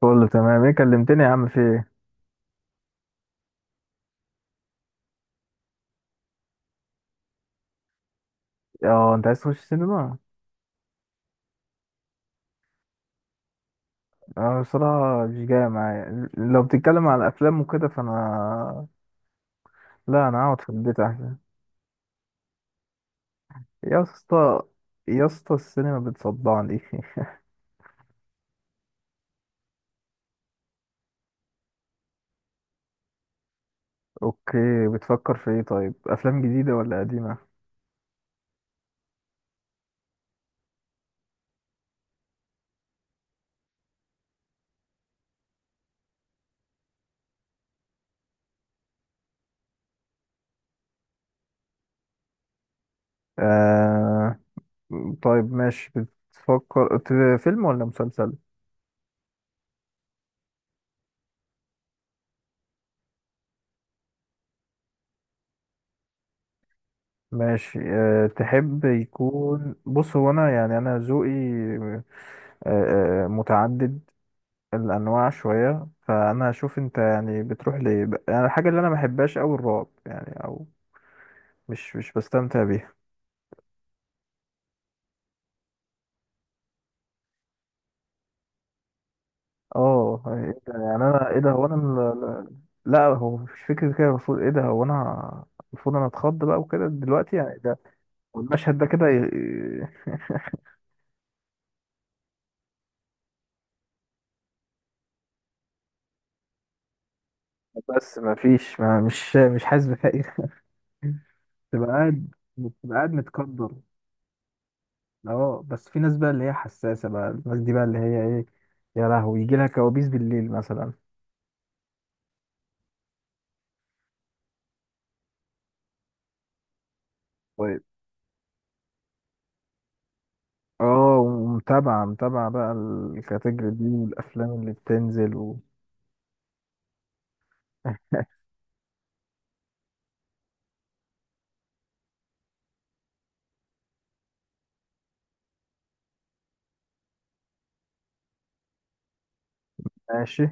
كله تمام. ايه كلمتني يا عم؟ في ايه؟ اه انت عايز تخش سينما؟ اه، بصراحة مش جاية معايا. لو بتتكلم على الافلام وكده، فانا لا انا اقعد في البيت احسن. يا اسطى يا اسطى، السينما بتصدعني. اوكي. بتفكر في ايه؟ طيب افلام جديدة ولا قديمة؟ آه... طيب ماشي. بتفكر فيلم ولا مسلسل؟ ماشي. تحب يكون، بص هو انا، يعني انا ذوقي أه... آه، متعدد الانواع شويه. فانا هشوف انت، يعني بتروح ليه، يعني الحاجه اللي انا ما بحبهاش قوي، الرعب يعني، او مش بستمتع بيها. اه يعني إيه ده؟ يعني انا ايه ده، هو انا لا، هو مش فكره كده. المفروض ايه ده، هو انا المفروض انا اتخض بقى وكده دلوقتي، يعني ده. والمشهد ده كده بس ما فيش، ما مش حاسس بحاجه. تبقى قاعد، بتبقى قاعد، متقدر. اه بس في ناس بقى اللي هي حساسه، بقى الناس دي بقى اللي هي ايه، يا لهوي يجي لها كوابيس بالليل مثلا. اه، ومتابعة متابعة بقى الكاتيجوري دي والأفلام اللي بتنزل. ماشي.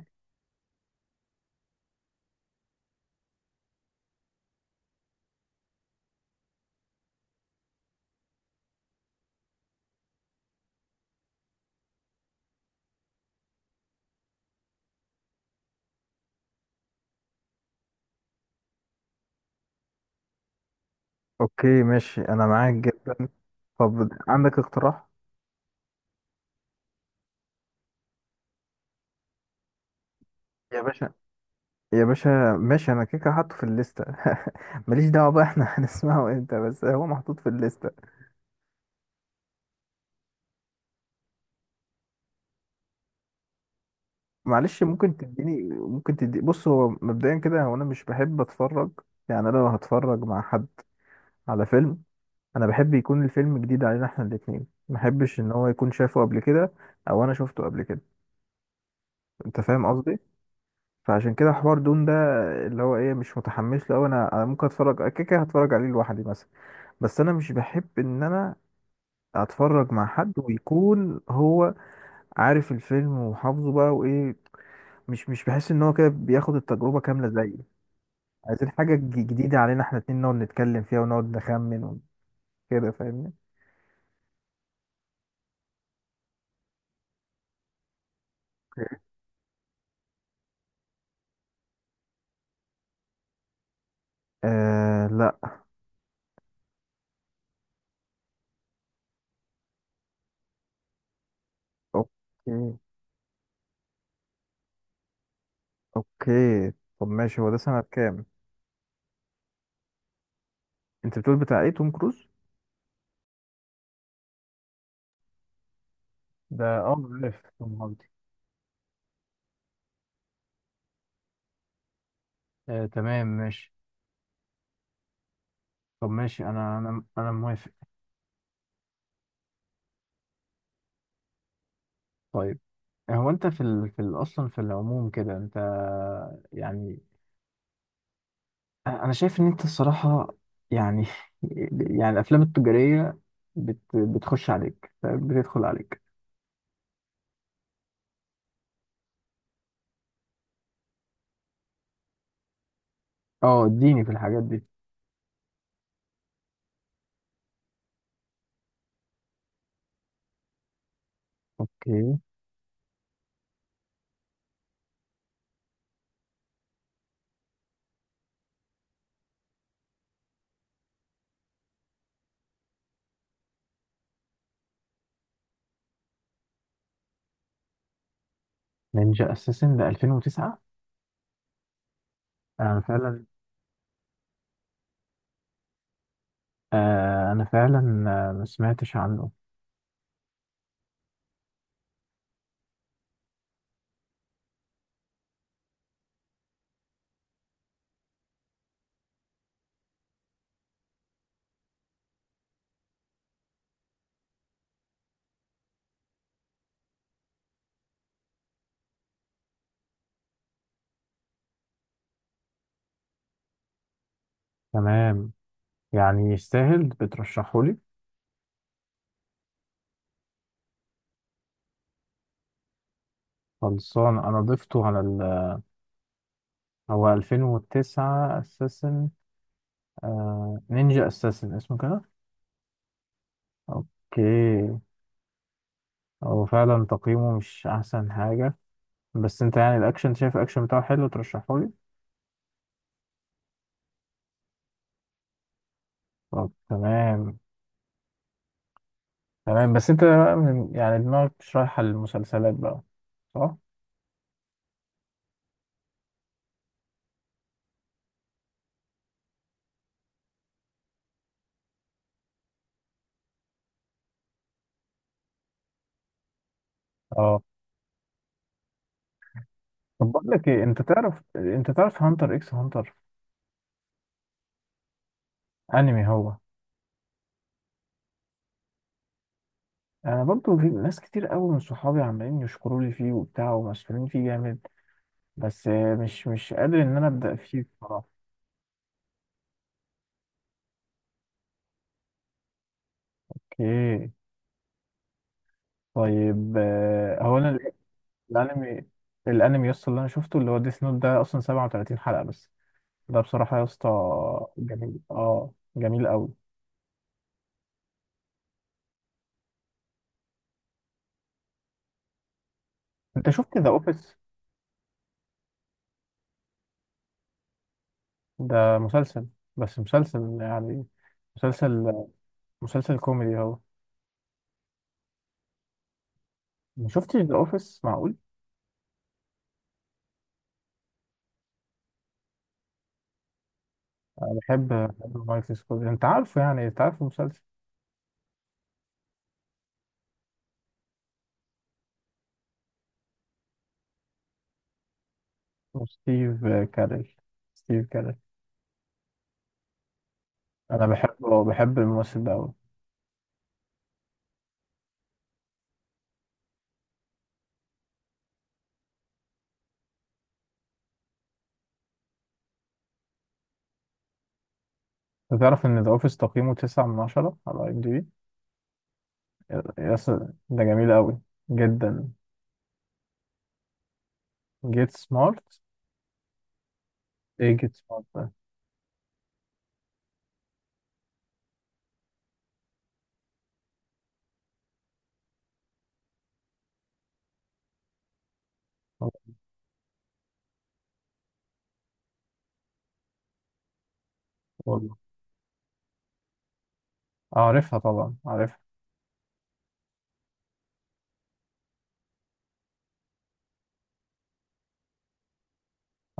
اوكي ماشي، انا معاك جدا. طب عندك اقتراح؟ يا باشا، يا باشا، ماشي. انا كيكه حاطه في الليسته. ماليش دعوه بقى احنا هنسمعه امتى، بس هو محطوط في الليسته. معلش، ممكن تديني، ممكن تدي، بص هو مبدئيا كده، هو انا مش بحب اتفرج، يعني انا لو هتفرج مع حد على فيلم، انا بحب يكون الفيلم جديد علينا احنا الاتنين. ما بحبش ان هو يكون شافه قبل كده، او انا شفته قبل كده. انت فاهم قصدي؟ فعشان كده حوار دون ده اللي هو ايه، مش متحمس له أوي. انا ممكن اتفرج كده كده، هتفرج عليه لوحدي مثلا. بس انا مش بحب ان انا اتفرج مع حد ويكون هو عارف الفيلم وحافظه بقى وايه، مش بحس ان هو كده بياخد التجربة كاملة زيي. عايزين حاجة جديدة علينا احنا اتنين، نقعد نتكلم فيها ونقعد نخمن وكده، فاهمني؟ آه لا. اوكي اوكي. طب ماشي، هو ده سنة كام؟ انت بتقول بتاع ايه، توم كروز؟ ده اه، عارف توم هاردي. آه تمام ماشي. طب ماشي، انا موافق. طيب، هو انت في اصلا في العموم كده، انت يعني، أنا شايف ان انت الصراحة يعني يعني الافلام التجارية بتخش عليك، بتدخل عليك. اه، اديني في الحاجات دي. اوكي. نينجا اساسن ده 2009؟ انا فعلا، آه انا فعلا آه، ما سمعتش عنه. تمام، يعني يستاهل؟ بترشحه لي؟ خلصان، انا ضفته على. هو 2009 اساسن، نينجا اساسن اسمه كده. اوكي. هو فعلا تقييمه مش احسن حاجة، بس انت يعني الاكشن، أنت شايف الاكشن بتاعه حلو، ترشحه لي. طب تمام. تمام، بس انت بقى من يعني دماغك مش رايحة للمسلسلات بقى، صح؟ اه. طب بقول لك ايه، انت تعرف، انت تعرف هانتر اكس هانتر؟ انمي هو. انا برضو في ناس كتير قوي من صحابي عمالين يشكروا لي فيه وبتاع ومسحولين فيه جامد، بس مش قادر ان انا ابدا فيه بصراحة. اوكي. طيب آه، هو انا الانمي، الانمي يسطا اللي انا شفته اللي هو ديس نوت ده، اصلا 37 حلقة بس. ده بصراحة يا اسطى، جميل اه، جميل قوي. انت شفت ذا اوفيس؟ ده مسلسل، بس مسلسل يعني، مسلسل، مسلسل كوميدي اهو. ما شفتش ذا اوفيس؟ معقول! انا بحب، بحب مايكل سكول، انت عارفه، يعني انت عارف المسلسل. وستيف كاريل، ستيف كاريل، انا بحبه، بحب الممثل ده قوي. تعرف ان ذا اوفيس تقييمه 9 من 10 على IMDb؟ يا اسطى ده جميل قوي جدا. جيت سمارت، ايه جيت سمارت ده؟ والله اعرفها، طبعا عارفها.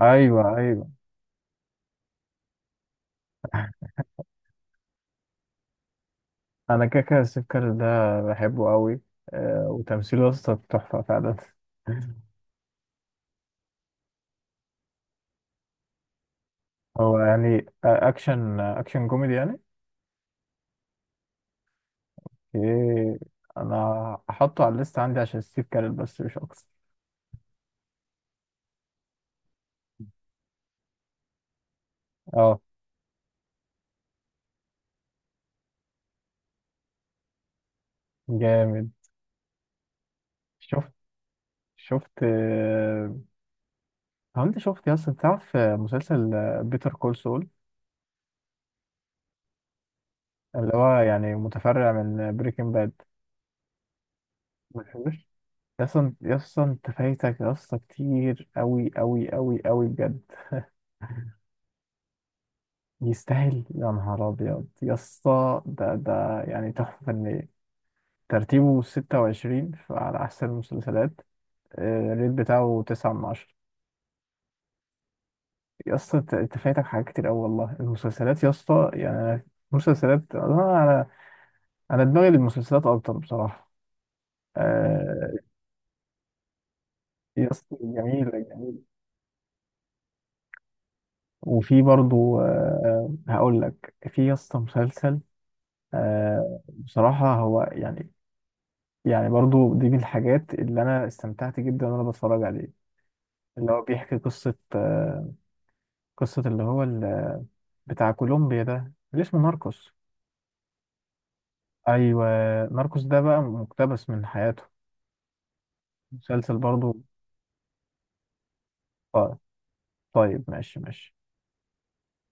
ايوه ايوه. انا كاكا السكر ده، بحبه قوي. آه، وتمثيله يا اسطى تحفه فعلا. هو يعني آه، اكشن، اكشن كوميدي يعني؟ ايه، انا هحطه على الليست عندي عشان ستيف كارل، بس مش اكتر. اه جامد. شفت، شفت آه، هو انت شفت يا اسطى، تعرف آه، مسلسل بيتر كول سول؟ اللي هو يعني متفرع من بريكنج باد. ما تحبش، اصلا، اصلا انت فايتك اصلا كتير قوي قوي قوي قوي بجد. يستاهل يا نهار ابيض، يا اسطى ده، ده يعني تحفه فنيه. ترتيبه 26 على احسن المسلسلات. آه، الريت بتاعه 9 من 10. يا اسطى انت، أنت فايتك حاجات كتير قوي والله. المسلسلات يا اسطى يعني، مسلسلات، انا انا أنا دماغي للمسلسلات اكتر بصراحه. مم. آه، يا اسطى جميله جميله. وفي برضو آه، هقول لك، في يا اسطى مسلسل آه، بصراحة هو يعني، يعني برضو دي من الحاجات اللي أنا استمتعت جدا وأنا بتفرج عليه. اللي هو بيحكي قصة آه، قصة اللي هو بتاع كولومبيا ده اللي اسمه ناركوس. أيوة. ناركوس ده بقى مقتبس من حياته. مسلسل برضو. آه، طيب ماشي ماشي.